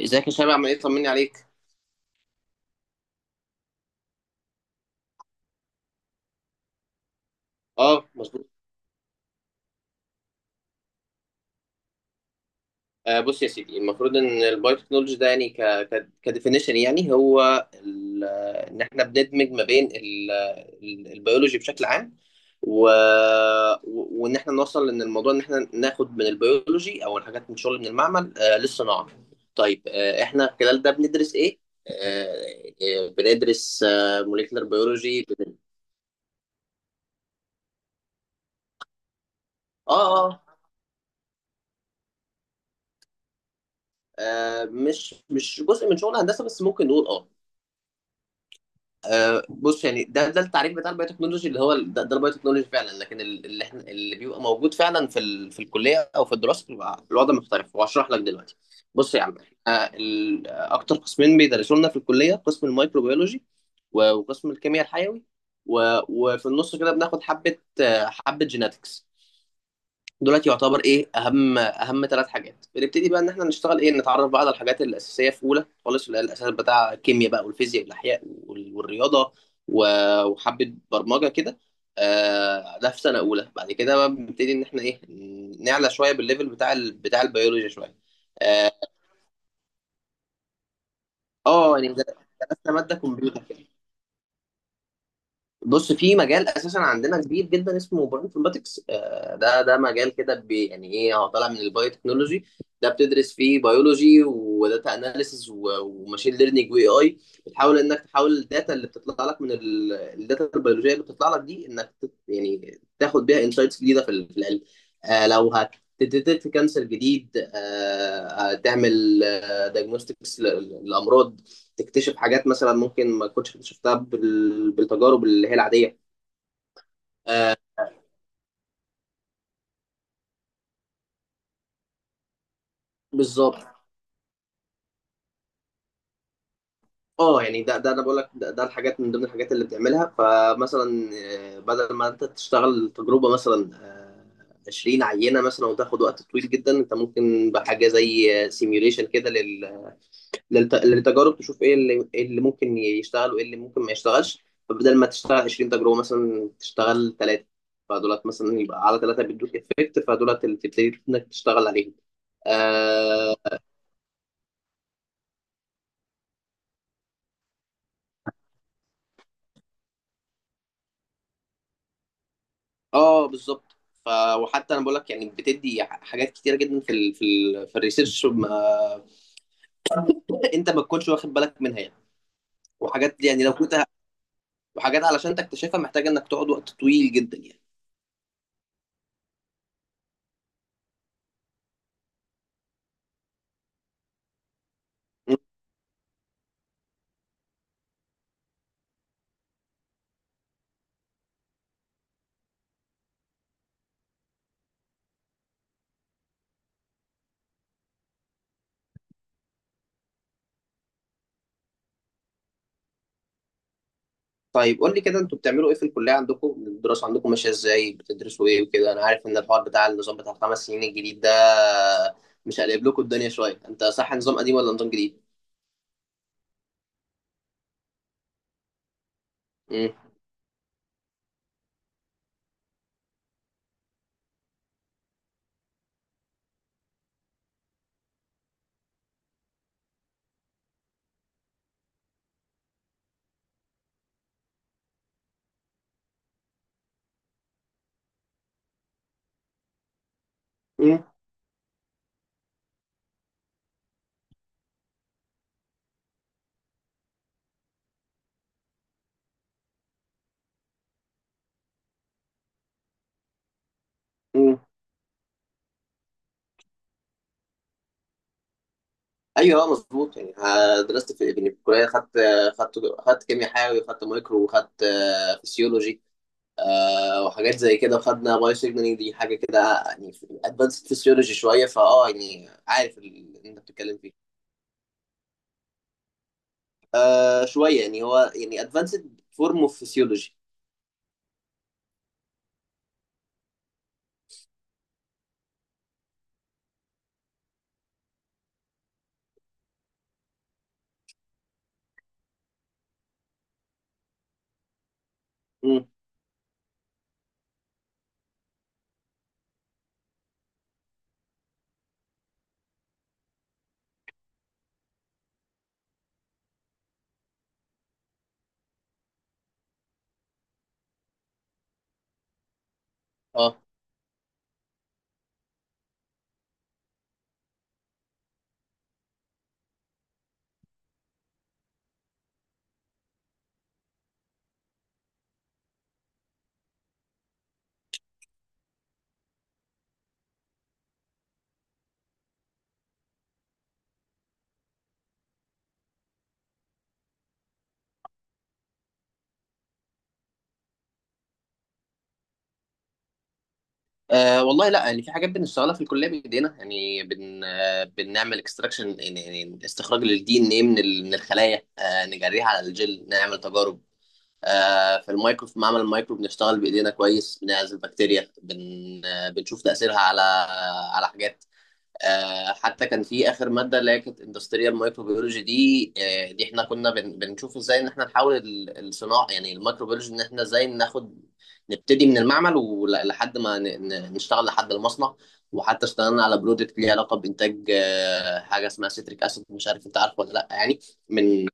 ازيك يا شباب؟ عامل ايه؟ طمني عليك. اه مظبوط. بص يا سيدي، المفروض ان البايو تكنولوجي ده يعني ك ك كديفينيشن، يعني هو ان احنا بندمج ما بين البيولوجي بشكل عام، و... وان احنا نوصل ان الموضوع ان احنا ناخد من البيولوجي او الحاجات من شغل من المعمل للصناعه. طيب، احنا خلال ده بندرس ايه؟ آه بندرس موليكولر بيولوجي. اه اه. مش جزء من شغل هندسه بس، ممكن نقول اه. بص، يعني ده التعريف بتاع البايو تكنولوجي اللي هو ده البايو تكنولوجي فعلا، لكن اللي بيبقى موجود فعلا في الكليه او في الدراسه بيبقى الوضع مختلف، وهشرح لك دلوقتي. بص يا عم، آه، ال... آه، اكتر قسمين بيدرسوا لنا في الكليه قسم الميكروبيولوجي، وقسم الكيمياء الحيوي، و... وفي النص كده بناخد حبه، حبه جيناتكس. دلوقتي يعتبر ايه؟ اهم 3 حاجات بنبتدي بقى ان احنا نشتغل ايه، نتعرف بقى على الحاجات الاساسيه في اولى خالص، اللي هي الاساس بتاع الكيمياء بقى والفيزياء والاحياء والرياضه، وحبه برمجه كده. ده في سنه اولى. بعد كده بقى بنبتدي ان احنا ايه، نعلى شويه بالليفل بتاع البيولوجيا شويه. اه. يعني درسنا ماده كمبيوتر كده. بص، في مجال اساسا عندنا كبير جدا اسمه بايو انفورماتكس، ده مجال كده يعني ايه، هو طالع من البايو تكنولوجي. ده بتدرس فيه بيولوجي وداتا اناليسز وماشين ليرنينج واي اي. بتحاول انك تحول الداتا اللي بتطلع لك من الداتا البيولوجيه اللي بتطلع لك دي، انك يعني تاخد بيها انسايتس جديده في العلم. لو هتديتكت كانسر جديد، هتعمل دايجنوستكس للامراض، تكتشف حاجات مثلا ممكن ما كنتش اكتشفتها بالتجارب اللي هي العاديه. بالظبط. اه، يعني ده انا بقول لك، ده الحاجات من ضمن الحاجات اللي بتعملها. فمثلا بدل ما انت تشتغل تجربه، مثلا 20 عينه مثلا، وتاخد وقت طويل جدا، انت ممكن بحاجه زي سيميوليشن كده للتجارب، تشوف ايه إيه اللي ممكن يشتغل وايه اللي ممكن ما يشتغلش. فبدل ما تشتغل 20 تجربه، مثلا تشتغل 3. فدولت مثلا يبقى على 3 بيدوك افكت، فدولت اللي تبتدي انك تشتغل عليهم. اه. بالظبط. ف وحتى انا بقول لك يعني بتدي حاجات كتيره جدا في ال في ال في الريسيرش ما انت ما تكونش واخد بالك منها يعني. وحاجات يعني وحاجات علشان تكتشفها محتاجه انك تقعد وقت طويل جدا يعني. مم. طيب قول لي كده، انتوا بتعملوا ايه في الكليه عندكم؟ الدراسه عندكم ماشيه ازاي؟ بتدرسوا ايه وكده؟ انا عارف ان الحوار بتاع النظام بتاع ال5 سنين الجديد ده مش قلب لكم الدنيا شويه؟ انت صح نظام قديم ولا نظام جديد؟ امم امم ايوه اه مظبوط. يعني درست في، يعني في الكليه خدت كيمياء حيوي، خدت مايكرو، وخدت فسيولوجي، وحاجات زي كده. وخدنا بايو سيجنالينج، دي حاجه كده يعني ادفانسد فسيولوجي شويه. فاه يعني عارف اللي انت بتتكلم فيه. آه شويه، يعني هو يعني ادفانسد فورم اوف فسيولوجي. امم. اه. والله لا، يعني في حاجات بنشتغلها في الكليه بايدينا، يعني بن آه بنعمل اكستراكشن، يعني يعني استخراج للدي ان ايه من من الخلايا، آه نجريها على الجل، نعمل تجارب. في المايكرو، في معمل المايكرو بنشتغل بايدينا كويس، بنعزل بكتيريا، بن آه، بنشوف تاثيرها على على حاجات. حتى كان في اخر ماده اللي هي كانت اندستريال مايكروبيولوجي دي، دي احنا كنا بنشوف ازاي ان احنا نحول الصناعه، يعني الميكروبيولوجي ان احنا ازاي ناخد، نبتدي من المعمل ولحد ما نشتغل لحد المصنع. وحتى اشتغلنا على برودكت ليه علاقه بانتاج حاجه اسمها سيتريك اسيد، مش عارف انت عارفه ولا لا يعني. من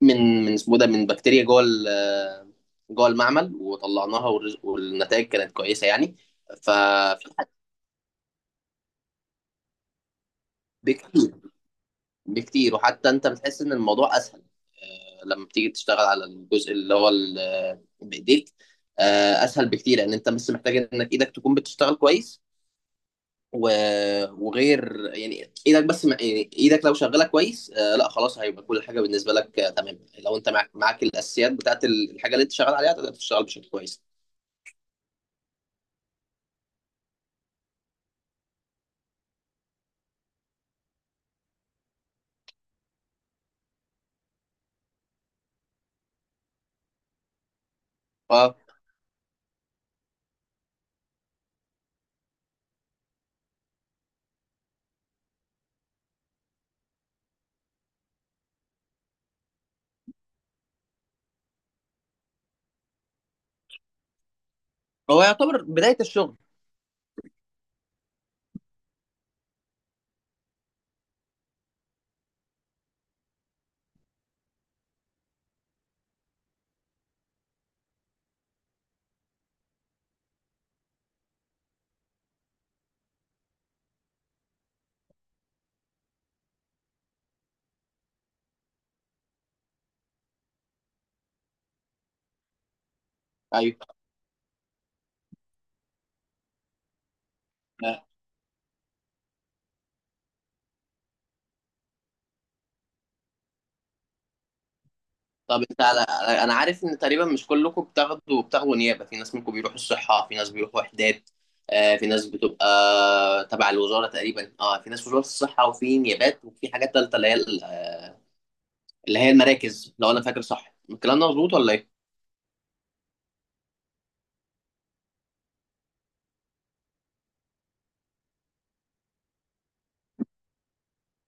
من اسمه ده، من بكتيريا جوه جوه المعمل، وطلعناها، والنتائج كانت كويسه يعني. ففي حد بكتير بكتير، وحتى انت بتحس ان الموضوع اسهل، لما بتيجي تشتغل على الجزء اللي هو بايديك. اسهل بكتير لان انت بس محتاج انك ايدك تكون بتشتغل كويس، وغير يعني ايدك بس يعني ايدك لو شغاله كويس، لا خلاص هيبقى كل حاجه بالنسبه لك تمام. لو انت معاك الاساسيات بتاعت الحاجه اللي انت شغال عليها تقدر تشتغل بشكل كويس. اه، هو يعتبر بداية الشغل. ايوه. آه، طب انت على انا عارف ان تقريبا مش كلكم بتاخدوا نيابة، في ناس منكم بيروحوا الصحة، في ناس بيروحوا وحدات، في ناس بتبقى تبع الوزارة تقريبا. اه، في ناس وزارة الصحة، وفي نيابات، وفي حاجات تالتة اللي هي اللي هي المراكز، لو انا فاكر صح الكلام ده مظبوط ولا ايه؟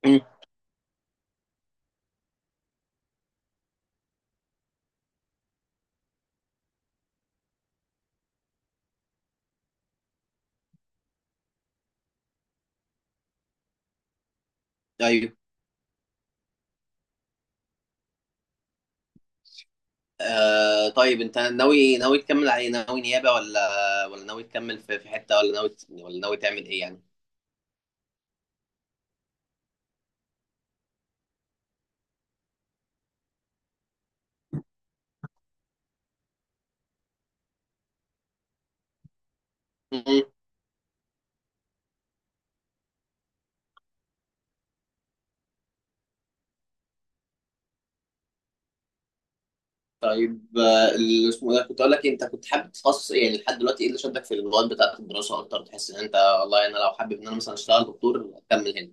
مم. ايوه. آه طيب انت ناوي تكمل على ايه؟ ناوي نيابة ولا ناوي تكمل في حتة ولا ناوي تعمل ايه يعني؟ طيب اللي اسمه ده، كنت اقول لك إيه، انت كنت حابب تتخصص ايه يعني لحد دلوقتي؟ ايه اللي شدك في المواد بتاعت الدراسه اكتر؟ تحس ان انت، والله انا لو حابب ان انا مثلا اشتغل دكتور اكمل هنا،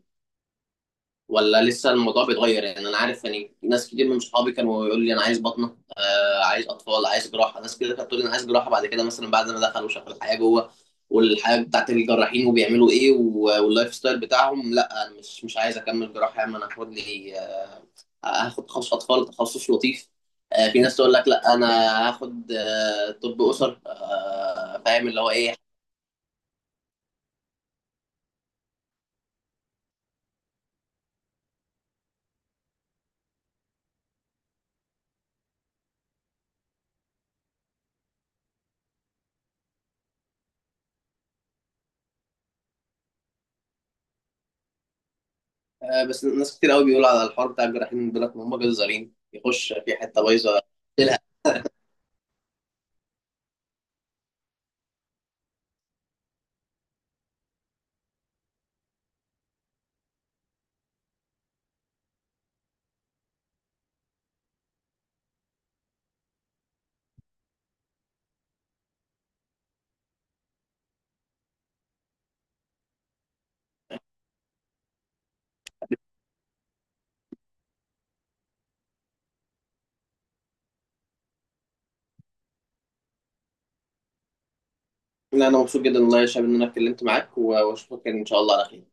ولا لسه الموضوع بيتغير؟ يعني انا عارف يعني ناس كتير من صحابي كانوا يقول لي انا عايز بطنه، آه عايز اطفال، عايز جراحه. ناس كده كانت تقول لي انا عايز جراحه، بعد كده مثلا بعد ما دخلوا شافوا الحياه جوه، والحياه بتاعت الجراحين، وبيعملوا ايه، واللايف ستايل بتاعهم، لا انا مش عايز اكمل جراحه يا عم، انا هاخد لي، هاخد تخصص اطفال، تخصص لطيف. في ناس تقول لك لا انا هاخد، طب اسر، فاهم اللي هو ايه. بس ناس كتير قوي بيقولوا على الحوار بتاع الجراحين، بيقول لك هم جزارين، يخش في حته بايظه تلها. لا انا مبسوط جدا والله يا شباب ان انا اتكلمت معاك، واشوفك ان شاء الله على خير.